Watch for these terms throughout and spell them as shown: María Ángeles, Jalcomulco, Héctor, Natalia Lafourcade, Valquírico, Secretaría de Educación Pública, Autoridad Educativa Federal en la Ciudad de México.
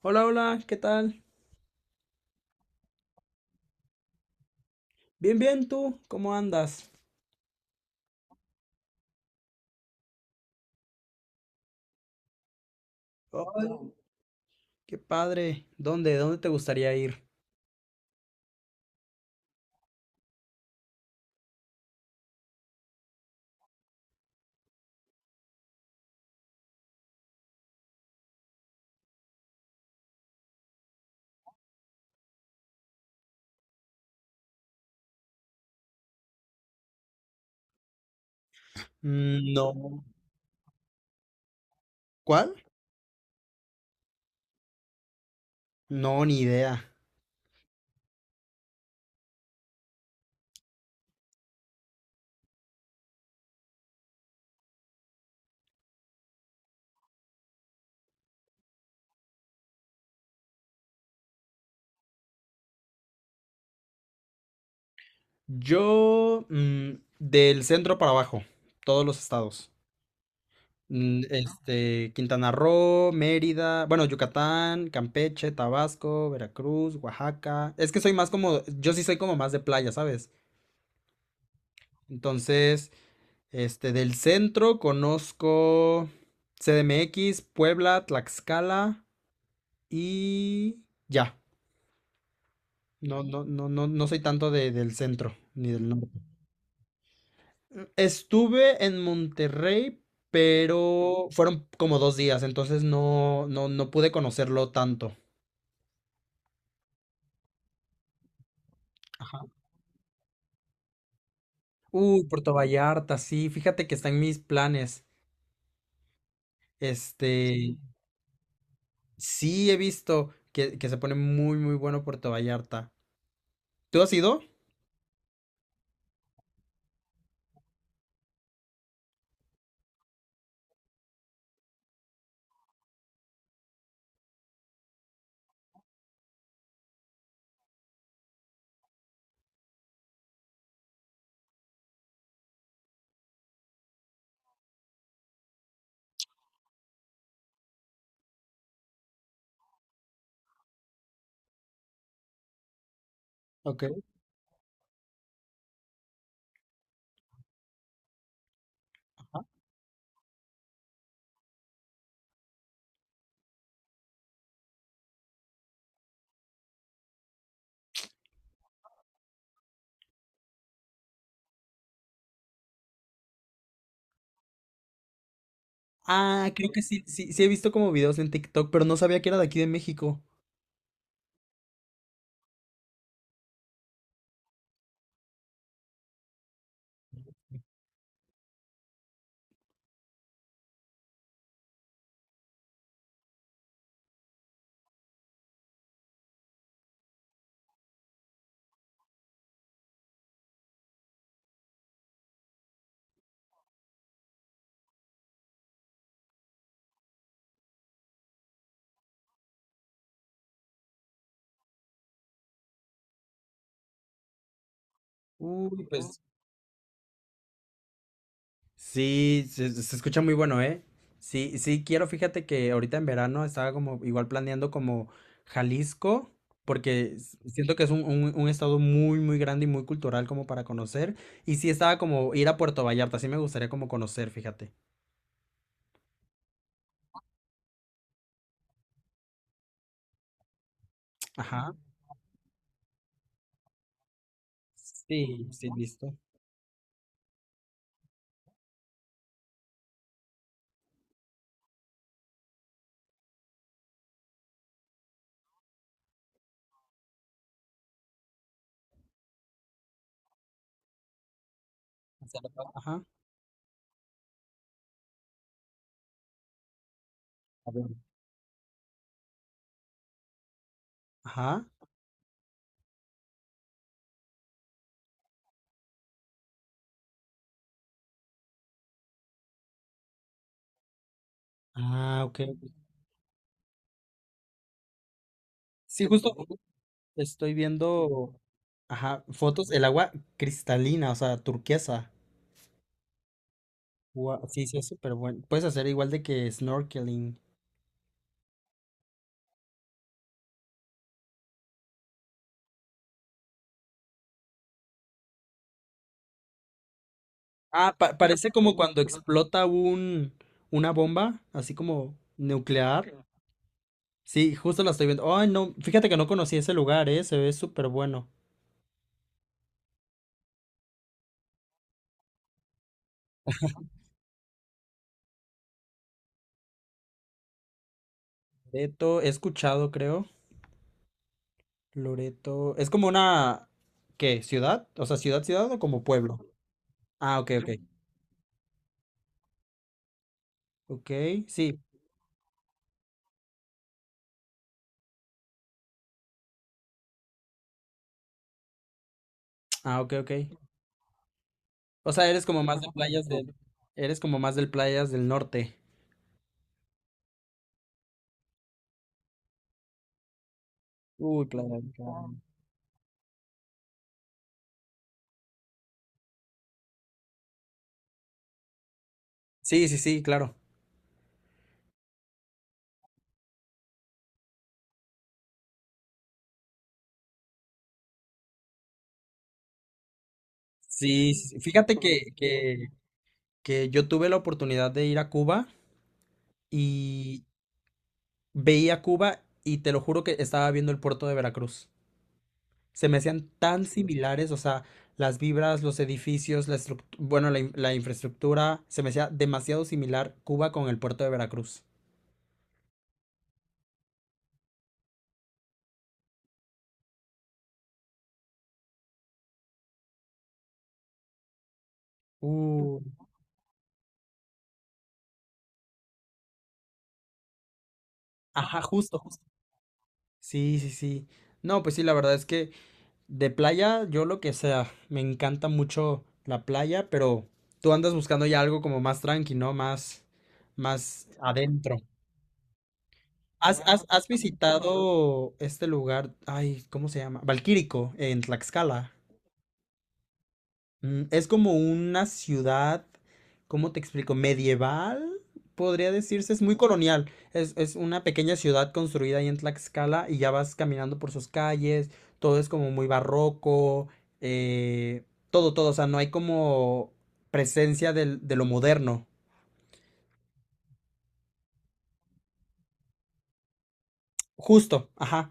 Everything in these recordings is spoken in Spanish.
Hola, hola, ¿qué tal? Bien, bien, ¿tú? ¿Cómo andas? Hola. Qué padre. ¿Dónde? ¿Dónde te gustaría ir? No. ¿Cuál? No, ni idea. Yo, del centro para abajo, todos los estados. Quintana Roo, Mérida, bueno, Yucatán, Campeche, Tabasco, Veracruz, Oaxaca. Es que soy más como, yo sí soy como más de playa, ¿sabes? Entonces, del centro conozco CDMX, Puebla, Tlaxcala y ya. No, no, no, no, no soy tanto del centro ni del norte. Estuve en Monterrey, pero fueron como dos días, entonces no, no, no pude conocerlo tanto. Ajá. Uy, Puerto Vallarta, sí, fíjate que está en mis planes. Este, sí he visto que se pone muy, muy bueno Puerto Vallarta. ¿Tú has ido? Ok. Ah, creo que sí, sí, sí he visto como videos en TikTok, pero no sabía que era de aquí de México. Uy, pues sí, se escucha muy bueno, ¿eh? Sí, sí, quiero, fíjate que ahorita en verano estaba como igual planeando como Jalisco, porque siento que es un, un estado muy, muy grande y muy cultural como para conocer. Y sí estaba como ir a Puerto Vallarta, sí me gustaría como conocer, fíjate. Ajá. Sí, sí, listo. Hacia ajá. A ver. Ajá. Ah, ok, ok. Sí, justo. Estoy viendo, ajá, fotos, el agua cristalina, o sea, turquesa. Sí, sí, es súper bueno. Puedes hacer igual de que snorkeling. Ah, parece como cuando explota un, una bomba, así como nuclear. Sí, justo la estoy viendo. Ay, no, fíjate que no conocí ese lugar, se ve súper bueno. Loreto, he escuchado, creo. Loreto, es como una, ¿qué? ¿Ciudad? O sea, ciudad, ciudad o como pueblo. Ah, ok, ok. Ok, sí. Ah, ok, ok. O sea, eres como más de playas del, eres como más del playas del norte. Uy, playas del Carmen. Sí, sí, sí, claro. Sí, sí, sí. Fíjate que yo tuve la oportunidad de ir a Cuba y veía Cuba y te lo juro que estaba viendo el puerto de Veracruz. Se me hacían tan similares, o sea, las vibras, los edificios, bueno, la, la infraestructura, se me hacía demasiado similar Cuba con el puerto de Veracruz. Uh, ajá, justo, justo. Sí, sí, sí. No, pues sí, la verdad es que de playa, yo lo que sea. Me encanta mucho la playa, pero tú andas buscando ya algo como más tranqui, ¿no? Más, más adentro. ¿Has, has, has visitado este lugar? Ay, ¿cómo se llama? Valquírico, en Tlaxcala. Es como una ciudad, ¿cómo te explico? Medieval, podría decirse, es muy colonial. Es una pequeña ciudad construida ahí en Tlaxcala y ya vas caminando por sus calles, todo es como muy barroco, eh, todo, todo, o sea, no hay como presencia de lo moderno. Justo, ajá,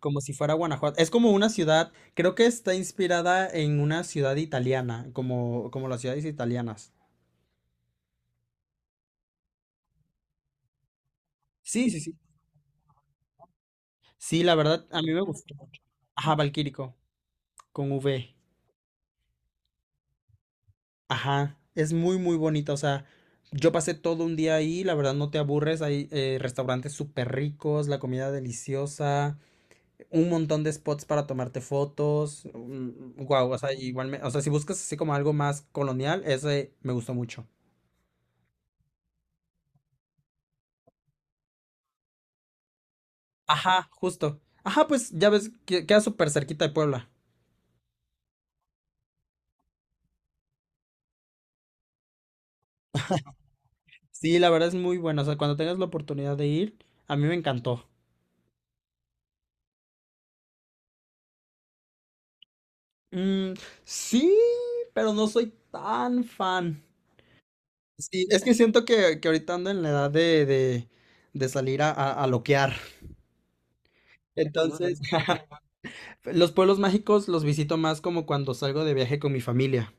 como si fuera Guanajuato. Es como una ciudad, creo que está inspirada en una ciudad italiana, como, como las ciudades italianas. Sí, sí, sí. Sí, la verdad, a mí me gustó. Ajá, Valquírico, con V. Ajá, es muy, muy bonita. O sea, yo pasé todo un día ahí, la verdad no te aburres. Hay restaurantes súper ricos, la comida deliciosa, un montón de spots para tomarte fotos. Wow, o sea, igual o sea, si buscas así como algo más colonial, ese me gustó mucho. Ajá, justo. Ajá, pues ya ves, que queda súper cerquita de Puebla. Sí, la verdad es muy bueno. O sea, cuando tengas la oportunidad de ir, a mí me encantó. Mm, sí, pero no soy tan fan. Sí, es que siento que ahorita ando en la edad de salir a loquear. Entonces, los pueblos mágicos los visito más como cuando salgo de viaje con mi familia.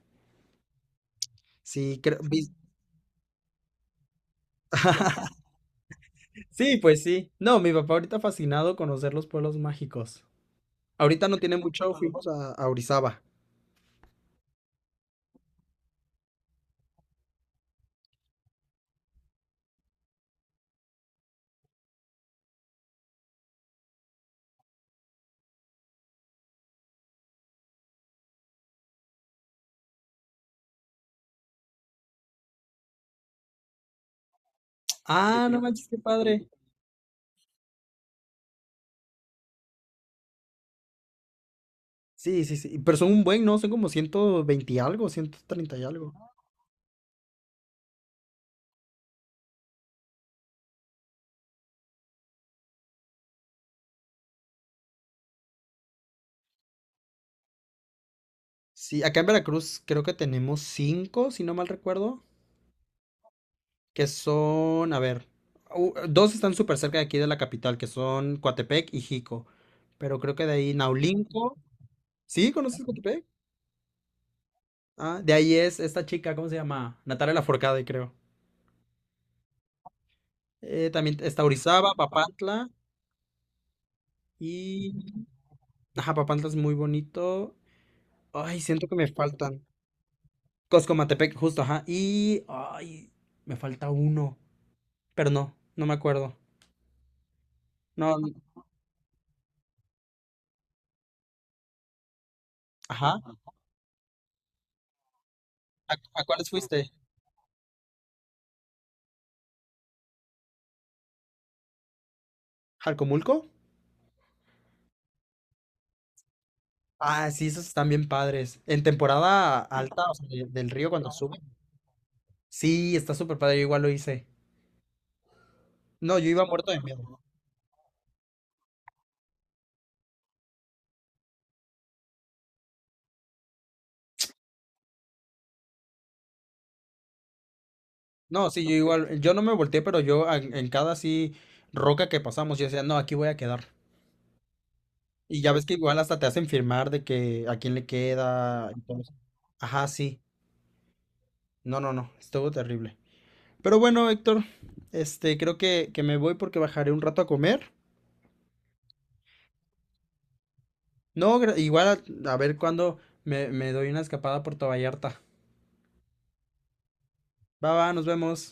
Sí, creo. Sí, pues sí. No, mi papá ahorita fascinado conocer los pueblos mágicos. Ahorita no tiene mucho, fuimos a Orizaba. Ah, no manches, qué padre. Sí, sí, sí. Pero son un buen, ¿no? Son como 120 y algo, 130 y algo. Sí, acá en Veracruz creo que tenemos cinco, si no mal recuerdo. Que son, a ver, dos están súper cerca de aquí de la capital, que son Coatepec y Jico. Pero creo que de ahí Naulinco. ¿Sí? ¿Conoces Coatepec? Ah, de ahí es esta chica, ¿cómo se llama? Natalia Lafourcade, creo. También está Orizaba, Papantla y... Ajá, Papantla es muy bonito. Ay, siento que me faltan. Coscomatepec, justo, ajá. Y... Ay, me falta uno. Pero no, no me acuerdo. No, ajá. A cuáles fuiste? ¿Jalcomulco? Ah, sí, esos están bien padres. En temporada alta, o sea, del río cuando sube. Sí, está súper padre, yo igual lo hice. No, yo iba muerto de miedo. No, sí, yo igual, yo no me volteé, pero yo en cada así roca que pasamos, yo decía, no, aquí voy a quedar. Y ya ves que igual hasta te hacen firmar de que a quién le queda y todo eso. Ajá, sí. No, no, no, estuvo terrible. Pero bueno, Héctor, creo que me voy porque bajaré un rato a comer. No, igual a ver cuándo me, me doy una escapada por Puerto Vallarta. Va, va, nos vemos.